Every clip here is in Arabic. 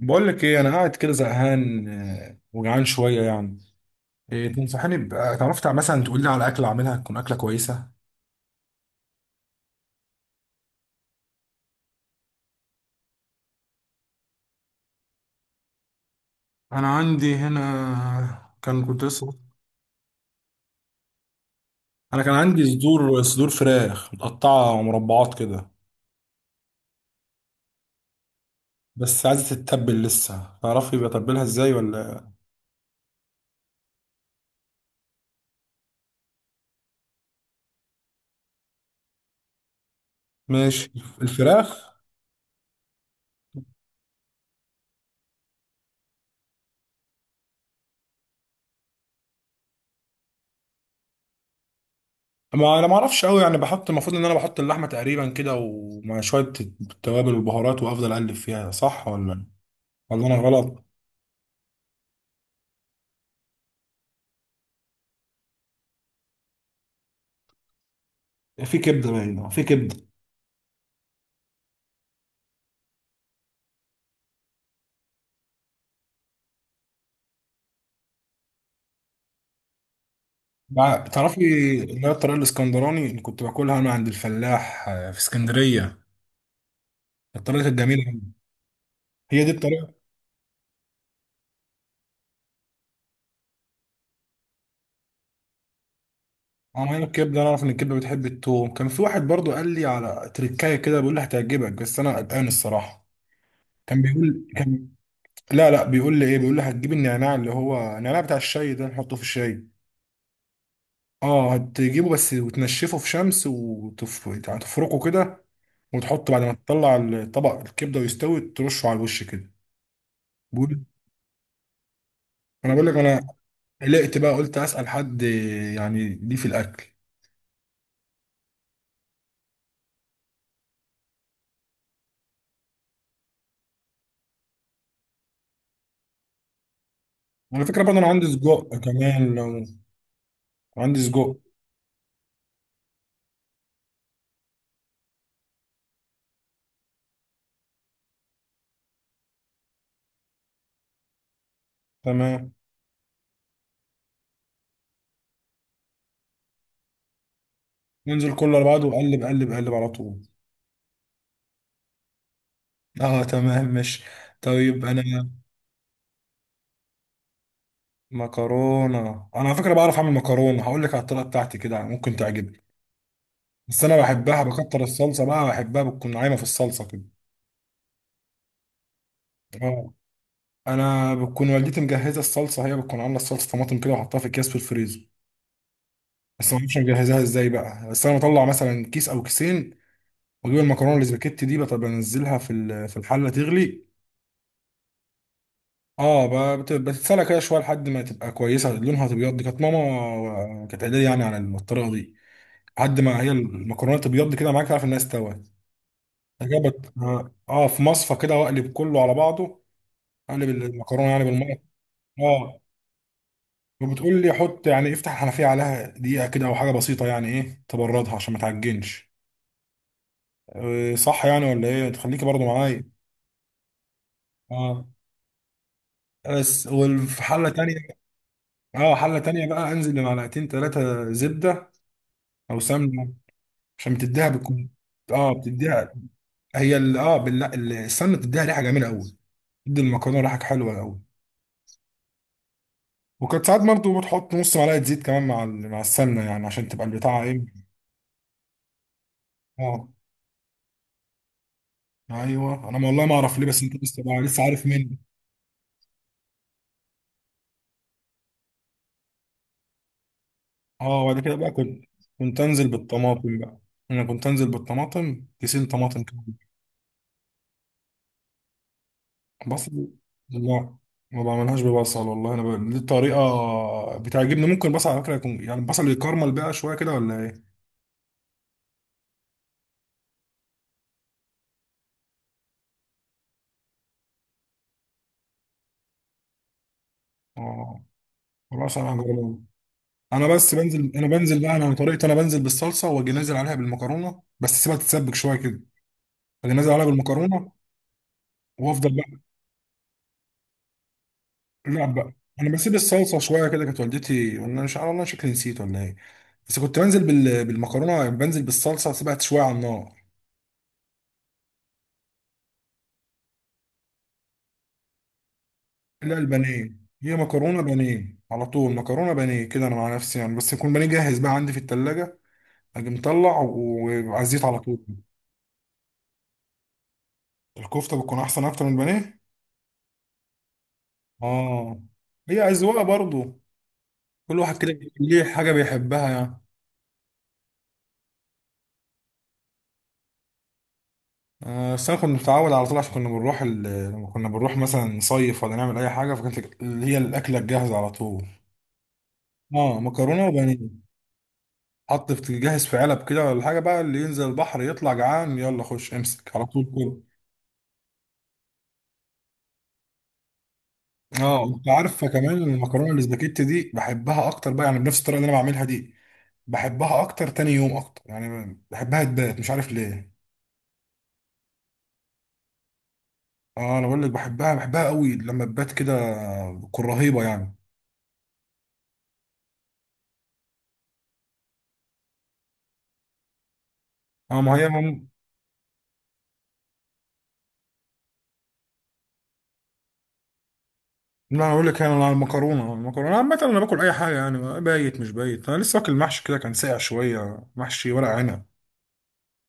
بقول لك ايه، انا قاعد كده زهقان، وجعان شويه يعني. إيه تنصحني بقى؟ تعرف مثلا تقول لي على اكله اعملها تكون اكله كويسه. انا عندي هنا كان كنت لسه. انا كان عندي صدور فراخ متقطعه مربعات كده، بس عايزه تتبل لسه، تعرفي بتبلها ازاي ولا؟ ماشي، الفراخ. ما انا ما اعرفش قوي يعني، بحط المفروض ان انا بحط اللحمه تقريبا كده، ومع شويه التوابل والبهارات وافضل اقلب فيها، صح ولا؟ ولا انا غلط؟ في كبده باينه، في كبده تعرفي اللي هي الطريقة الاسكندراني اللي كنت باكلها انا عند الفلاح في اسكندرية، الطريقة الجميلة أوي. هي دي الطريقة. عملنا الكبدة، انا اعرف ان الكبدة بتحب التوم. كان في واحد برضو قال لي على تركاية كده، بيقول لي هتعجبك، بس انا قلقان الصراحة. كان بيقول، لا لا، بيقول لي ايه، بيقول لي هتجيب النعناع اللي هو النعناع بتاع الشاي ده نحطه في الشاي. اه، هتجيبه بس وتنشفه في شمس يعني تفركه كده، وتحطه بعد ما تطلع الطبق الكبدة ويستوي ترشه على الوش كده. بيقول، انا بقول لك انا قلقت بقى، قلت اسال حد يعني ليه في الاكل؟ على فكره برضه انا عندي سجق كمان، لو عندي سجق. تمام، ننزل كله على بعضه وقلب قلب قلب على طول. اه تمام ماشي. طيب انا، مكرونه. انا على فكره بعرف اعمل مكرونه، هقول لك على الطريقه بتاعتي كده، ممكن تعجبك. بس انا بحبها بكتر الصلصه بقى، بحبها بتكون عايمه في الصلصه كده. اه، انا بتكون والدتي مجهزه الصلصه، هي بتكون عامله الصلصه طماطم كده وحطها في اكياس في الفريزر. بس ما اعرفش مجهزاها ازاي بقى، بس انا بطلع مثلا كيس او كيسين واجيب المكرونه الاسباجيتي دي، بطب بنزلها في في الحله تغلي. اه، بتتسلق كده شويه لحد ما تبقى كويسه لونها تبيض. دي كانت ماما كانت قايله لي يعني على الطريقه دي، لحد ما هي المكرونه تبيض كده معاك تعرف انها استوت. جابت في مصفى كده، واقلب كله على بعضه، اقلب المكرونه يعني بالميه. اه، وبتقول لي حط يعني افتح الحنفيه عليها دقيقه كده او حاجه بسيطه يعني ايه، تبردها عشان ما تعجنش. صح يعني ولا ايه؟ تخليكي برضو معايا. اه بس، وفي حله تانية. اه حلة تانية بقى، انزل بمعلقتين ثلاثة زبدة او سمنة، عشان بتديها بتكون. اه بتديها، هي ال... اه بال... ال- السمنة بتديها ريحة جميلة قوي، بتدي المكرونة ريحة حلوة قوي. وكانت ساعات برضه بتحط نص معلقة زيت كمان مع مع السمنة يعني عشان تبقى البتاعة ايه. اه ايوه، انا والله ما اعرف ليه، بس انت لسه بقى لسه عارف مني. اه، وبعد كده بقى كنت، انزل بالطماطم بقى. انا كنت انزل بالطماطم كيسين طماطم كده. بصل، لا ما بعملهاش ببصل والله. انا دي الطريقه بتعجبني. ممكن بصل على فكره يكون، يعني البصل يكرمل بقى شويه كده ولا ايه؟ اه خلاص، انا هجربه. انا بس بنزل، انا عن طريقتي، انا بنزل بالصلصه واجي نازل عليها بالمكرونه، بس سيبها تتسبك شويه كده، اجي نازل عليها بالمكرونه وافضل بقى. لا بقى، انا بسيب الصلصه شويه كده. كانت والدتي، وانا مش عارف والله شكلي نسيت ولا ايه، بس كنت بنزل بالمكرونه يعني، بنزل بالصلصه سيبها شويه على النار. لا البانيه، هي مكرونه بانيه على طول، مكرونه بانيه كده انا مع نفسي يعني، بس يكون بانيه جاهز بقى عندي في التلاجة، اجي مطلع وعلى الزيت على طول. الكفته بتكون احسن اكتر من البانيه. اه، هي اذواق برضو، كل واحد كده ليه حاجه بيحبها يعني. بس انا كنت متعود على طول، عشان كنا بنروح لما كنا بنروح مثلا نصيف ولا نعمل اي حاجه، فكانت اللي هي الاكله الجاهزه على طول. اه مكرونه وبانيه، حط في جاهز في علب كده ولا حاجه بقى، اللي ينزل البحر يطلع جعان يلا خش امسك على طول كل. اه، انت عارفه كمان المكرونه الاسباجيتي دي بحبها اكتر بقى يعني، بنفس الطريقه اللي انا بعملها دي. بحبها اكتر تاني يوم اكتر يعني، بحبها تبات مش عارف ليه. اه انا بقول لك، بحبها قوي لما تبات كده، بتكون رهيبه يعني. اه ما هي لا انا اقول لك، انا على المكرونه. المكرونه عامه انا باكل اي حاجه يعني، بايت مش بايت. انا لسه واكل محشي كده كان ساقع شويه، محشي ورق عنب.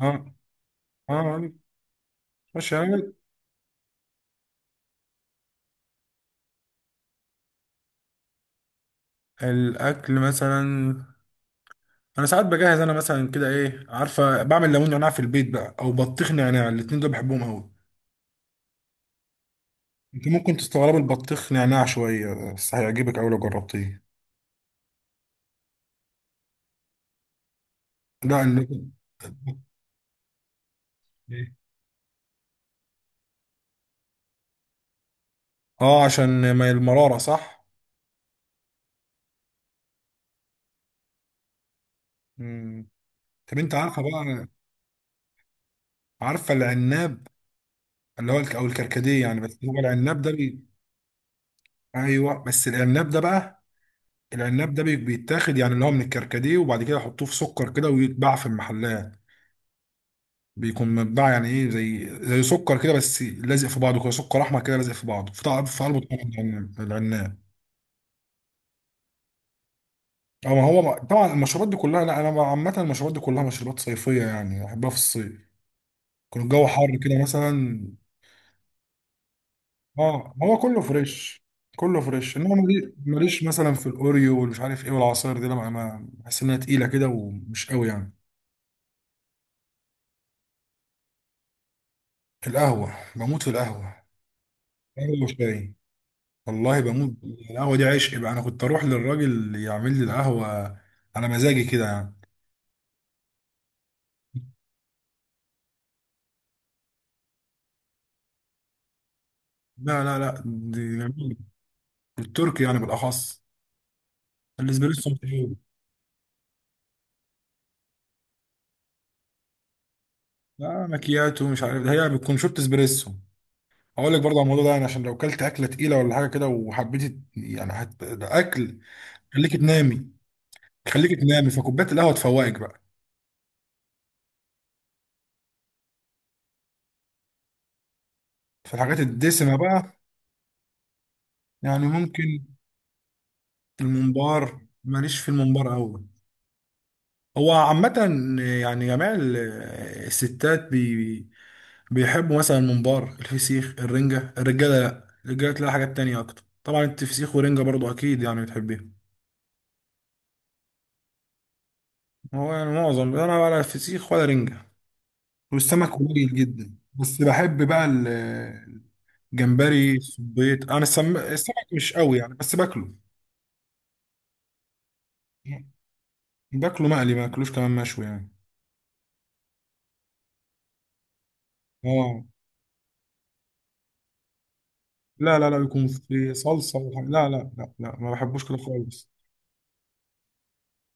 اه اه ماشي يعني. الاكل مثلا، انا ساعات بجهز انا مثلا كده ايه عارفه، بعمل ليمون نعناع في البيت بقى او بطيخ نعناع، الاتنين دول بحبهم قوي. انت ممكن تستغرب البطيخ نعناع شويه، بس هيعجبك قوي لو جربتيه. لا اه عشان ما المراره، صح. مم. طب انت عارفه بقى؟ عارفه العناب، اللي هو او الكركديه يعني، بس هو العناب ده ايوه بس العناب ده بقى، العناب ده بيتاخد يعني اللي هو من الكركديه، وبعد كده يحطوه في سكر كده ويتباع في المحلات. بيكون مبدع يعني ايه، زي زي سكر كده بس لازق في بعضه كده، سكر احمر كده لازق في بعضه، في طعم في قلبه طعم العناب العناب. اه ما هو طبعا المشروبات دي كلها، لا انا عامه المشروبات دي كلها مشروبات صيفيه يعني، بحبها في الصيف يكون الجو حر كده مثلا. اه هو كله فريش، كله فريش. انما ماليش مثلا في الاوريو والمش عارف ايه والعصاير دي، لما ما بحس انها تقيله كده ومش قوي يعني. القهوه، بموت في القهوه، قهوه وشاي والله بموت. القهوة دي عشق بقى، انا كنت اروح للراجل اللي يعمل لي القهوة على مزاجي كده يعني. لا لا لا، دي جميل، التركي يعني بالاخص، الاسبريسو مش عيب. لا مكياتو مش عارف ده، هي بتكون شورت اسبريسو. اقول لك برضه على الموضوع ده يعني، عشان لو كلت اكله تقيله ولا حاجه كده وحبيت يعني ده اكل، خليك تنامي، خليك تنامي، فكوبايه القهوه تفوقك بقى. فالحاجات الدسمه بقى يعني ممكن، الممبار ماليش في الممبار قوي. هو عامة يعني جميع الستات بيحبوا مثلا الممبار، الفسيخ، الرنجة. الرجالة لا، الرجالة تلاقي حاجات تانية أكتر طبعا. انت فسيخ ورنجة برضو أكيد يعني بتحبيها. هو يعني معظم، أنا ولا فسيخ ولا رنجة، والسمك قليل جدا. بس بحب بقى الجمبري الصبيط. أنا السمك مش قوي يعني بس باكله. باكله مقلي، ما باكلوش كمان مشوي يعني. اه لا لا لا، بيكون في صلصة لا لا لا لا، ما بحبوش كده خالص.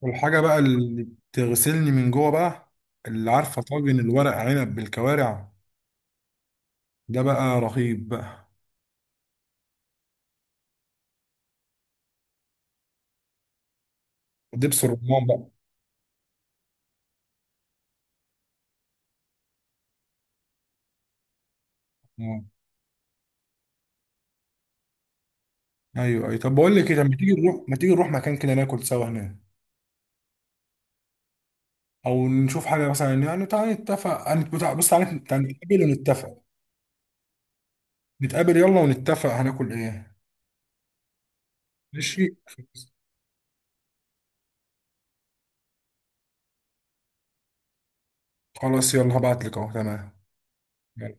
والحاجة بقى اللي بتغسلني من جوه بقى، اللي عارفة طاجن الورق عنب بالكوارع، ده بقى رهيب بقى، ودبس الرمان بقى. آه. ايوه ايوه، طب بقول لك ايه، طب ما تيجي نروح، مكان كده ناكل سوا هناك، او نشوف حاجة مثلا يعني. تعالى نتفق، أنا- بتاع- بص تعالى تعالى نتقابل ونتفق، نتقابل يلا ونتفق هناكل ايه. ماشي، خلاص يلا هبعت لك اهو تمام. يلا،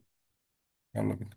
يلا بينا.